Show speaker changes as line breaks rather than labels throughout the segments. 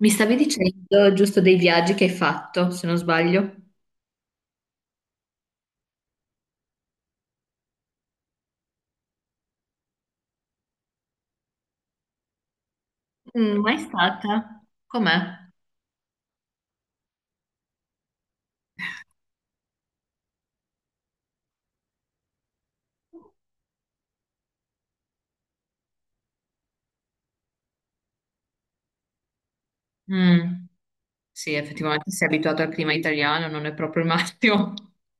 Mi stavi dicendo giusto dei viaggi che hai fatto, se non sbaglio. Mm, mai stata? Com'è? Mm, sì, effettivamente sei abituato al clima italiano, non è proprio il massimo.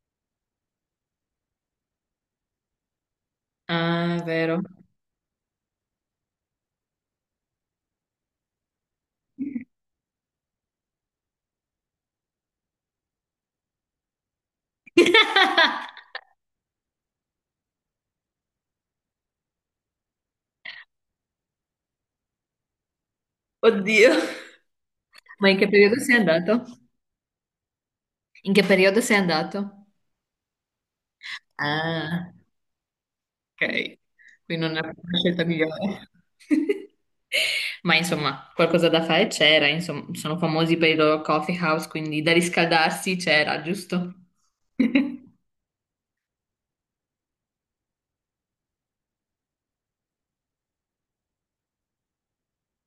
Ah, è vero. Oddio. Ma in che periodo sei andato? In che periodo sei andato? Ah, ok. Qui non è proprio la scelta migliore. Ma insomma, qualcosa da fare c'era, insomma, sono famosi per i loro coffee house, quindi da riscaldarsi c'era, giusto?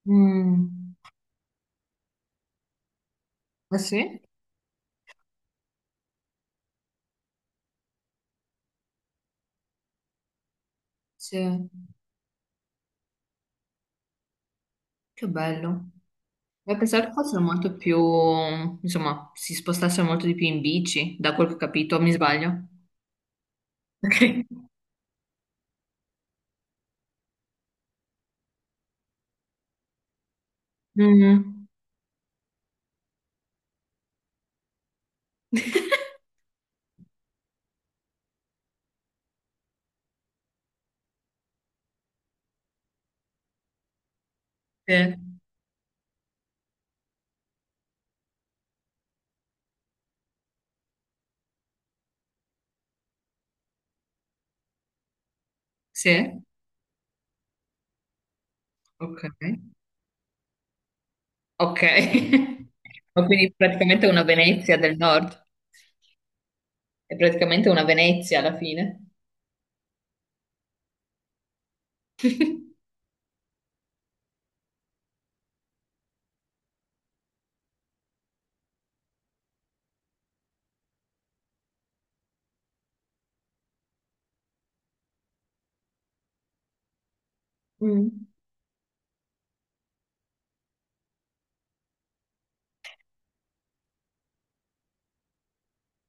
Mm. Ah sì? Sì. Che bello. E pensavo che fossero molto più, insomma, si spostassero molto di più in bici, da quel che ho capito, mi sbaglio? Ok. Mm. Sì. Sì? Ok. Ok. Ma quindi praticamente una Venezia del nord, è praticamente una Venezia alla fine. Mm.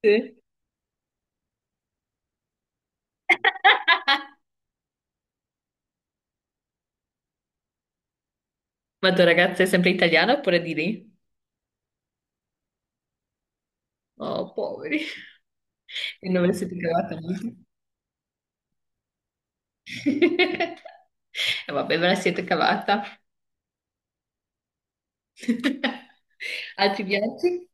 Sì. Ma tua ragazza è sempre italiana oppure di lì? Oh, poveri. E non ve la siete cavata molto. E vabbè, ve la siete cavata. Altri viaggi?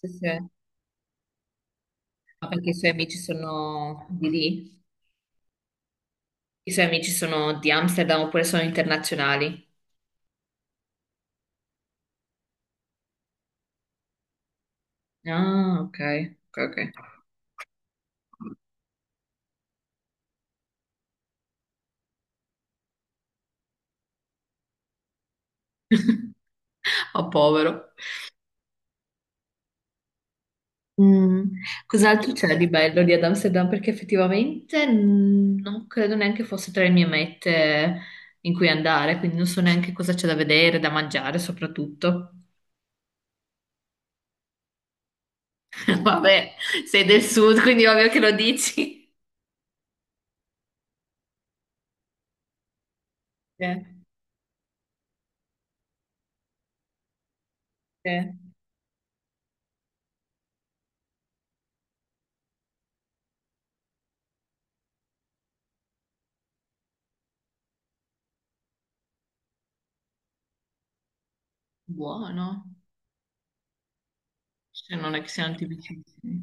Sì, sì. Ma perché i suoi amici sono di lì? I suoi amici sono di Amsterdam oppure sono internazionali? Ah, ok, ok, ok. Oh, povero. Mm, cos'altro c'è di bello di ad Amsterdam? Perché effettivamente mm, non credo neanche fosse tra le mie mete in cui andare, quindi non so neanche cosa c'è da vedere, da mangiare soprattutto. Vabbè, sei del sud, quindi ovvio che lo dici. Sì, sì. Buono, se non è che siano tipicissimi.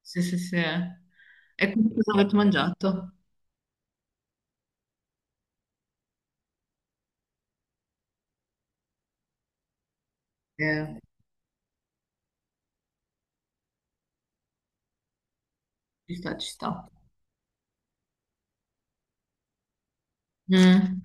Sì, sì, sì. E quindi cosa avete mangiato? Eh, ci sta, ci sta. Mm.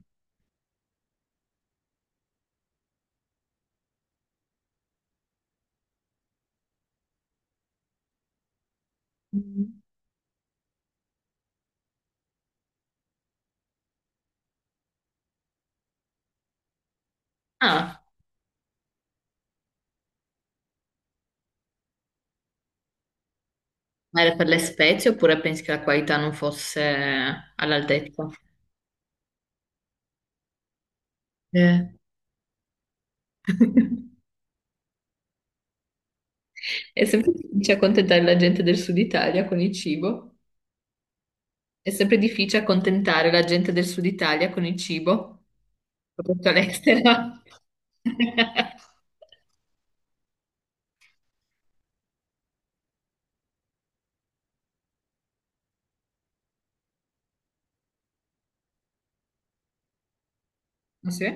Mm. Ma era per le spezie oppure pensi che la qualità non fosse all'altezza? Eh. È sempre difficile accontentare la gente del Sud Italia con il cibo. È sempre difficile accontentare la gente del Sud Italia con il cibo, soprattutto all'estero. Ah, sì?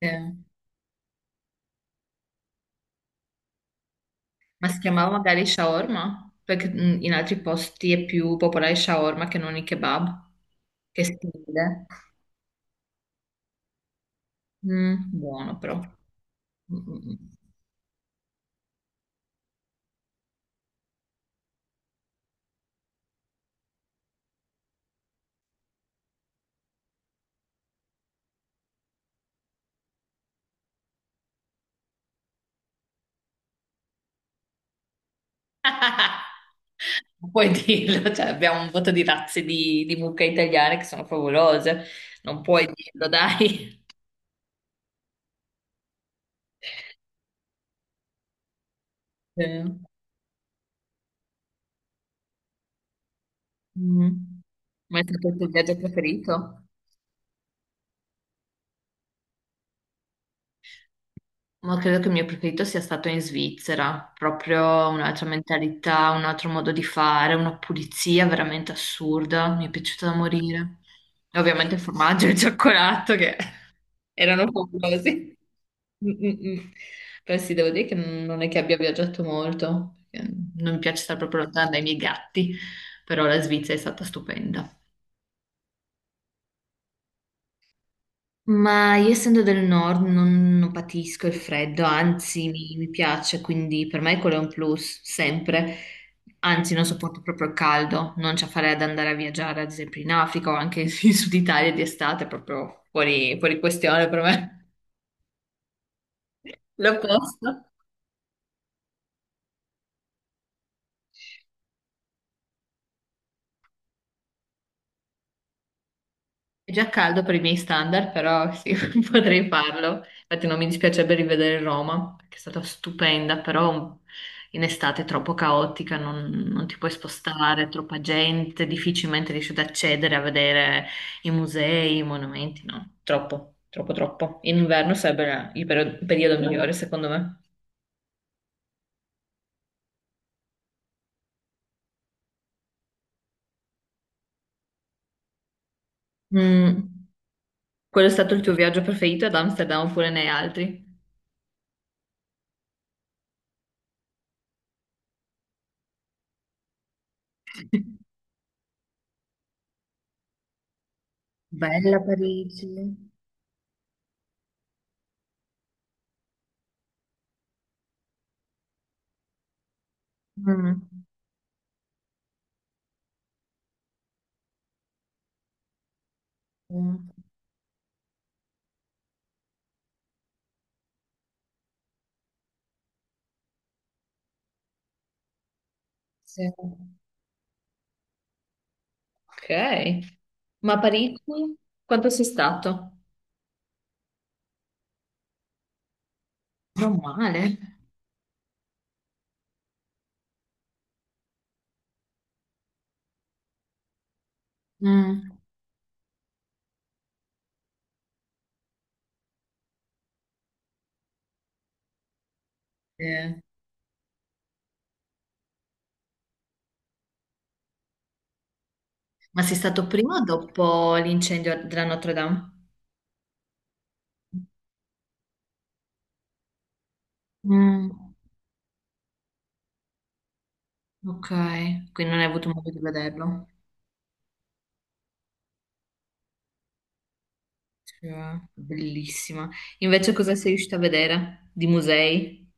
Eh. Ma si chiamava magari shawarma? Perché in altri posti è più popolare il shawarma che non il kebab. Che stile. Mm, buono però. Mm, mm, mm. Non puoi dirlo, cioè abbiamo un voto di razze di mucche italiane che sono favolose, non puoi dirlo, dai. Eh, mm. Ma è stato il tuo viaggio preferito? Ma credo che il mio preferito sia stato in Svizzera, proprio un'altra mentalità, un altro modo di fare, una pulizia veramente assurda, mi è piaciuta da morire. E ovviamente il formaggio e il cioccolato che erano fabulosi. Mm, mm, mm. Però sì, devo dire che non è che abbia viaggiato molto, perché non mi piace stare proprio lontana dai miei gatti, però la Svizzera è stata stupenda. Ma io essendo del nord non patisco il freddo, anzi mi piace, quindi per me quello è un plus, sempre. Anzi, non sopporto proprio il caldo, non ci farei ad andare a viaggiare, ad esempio in Africa o anche in Sud Italia di estate, proprio fuori, fuori questione per me. L'opposto. È già caldo per i miei standard, però sì, potrei farlo. Infatti non mi dispiacerebbe rivedere Roma, perché è stata stupenda, però in estate è troppo caotica, non ti puoi spostare, troppa gente, difficilmente riesci ad accedere a vedere i musei, i monumenti, no? Troppo, troppo, troppo. In inverno sarebbe il periodo migliore, secondo me. Mm, quello è stato il tuo viaggio preferito ad Amsterdam oppure ne hai altri? Bella Parigi. Mm. Mm. Sì. Ok. Ma a Parigi quanto sei stato? Non male. Mm. Eh, ma sei stato prima o dopo l'incendio della Notre Dame? Mm. Ok, quindi non hai avuto modo di vederlo. Sì. Bellissima. Invece cosa sei riuscita a vedere? Di musei?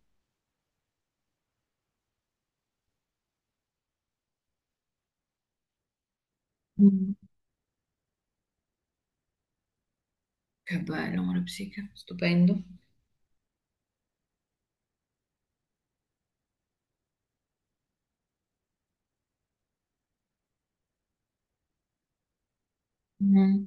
Mm. Che bello, amore psiche, stupendo. Mm.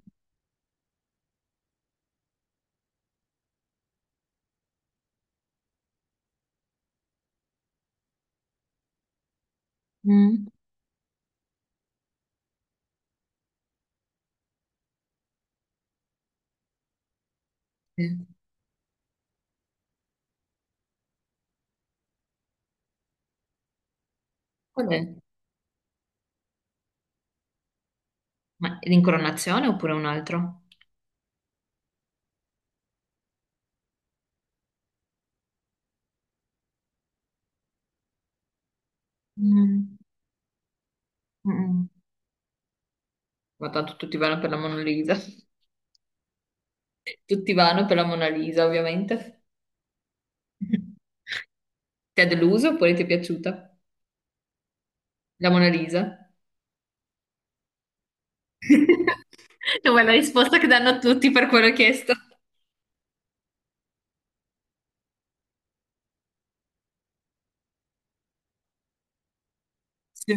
Mm. Sì. Qual è? Ma è l'incoronazione oppure un altro? Mm. Mm. Ma tanto tutti vanno per la Mona Lisa. Tutti vanno per la Mona Lisa, ovviamente. Ti ha deluso oppure ti è piaciuta? La Mona Lisa? No, è la risposta che danno tutti per quello chiesto. Sì.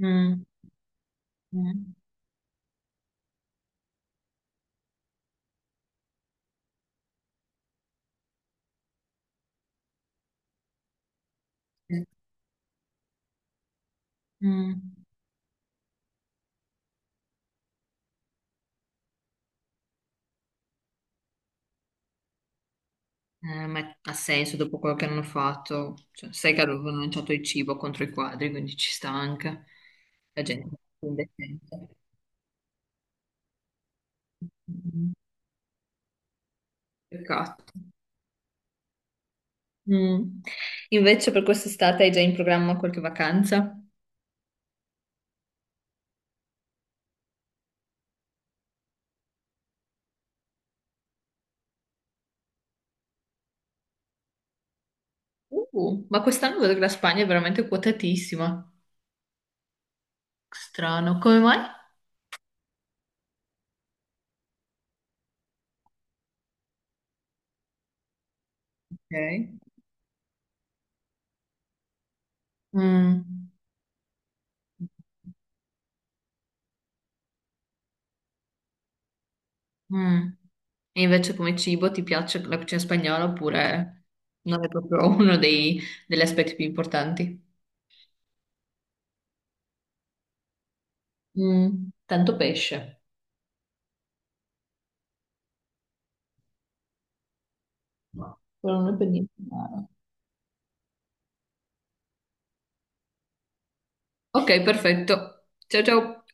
Mm, mm, mm, mm. Ma ha senso dopo quello che hanno fatto. Cioè, sai che avevano lanciato il cibo contro i quadri, quindi ci sta anche. La gente è indecente. Mm, peccato. Mm. Invece per quest'estate hai già in programma qualche vacanza? Ma quest'anno vedo che la Spagna è veramente quotatissima. Strano, come mai? Ok. Mm. Mm. E invece come cibo ti piace la cucina spagnola oppure non è proprio uno degli aspetti più importanti? Mm. Tanto pesce. No, quello non è per niente male. Ok, perfetto. Ciao ciao.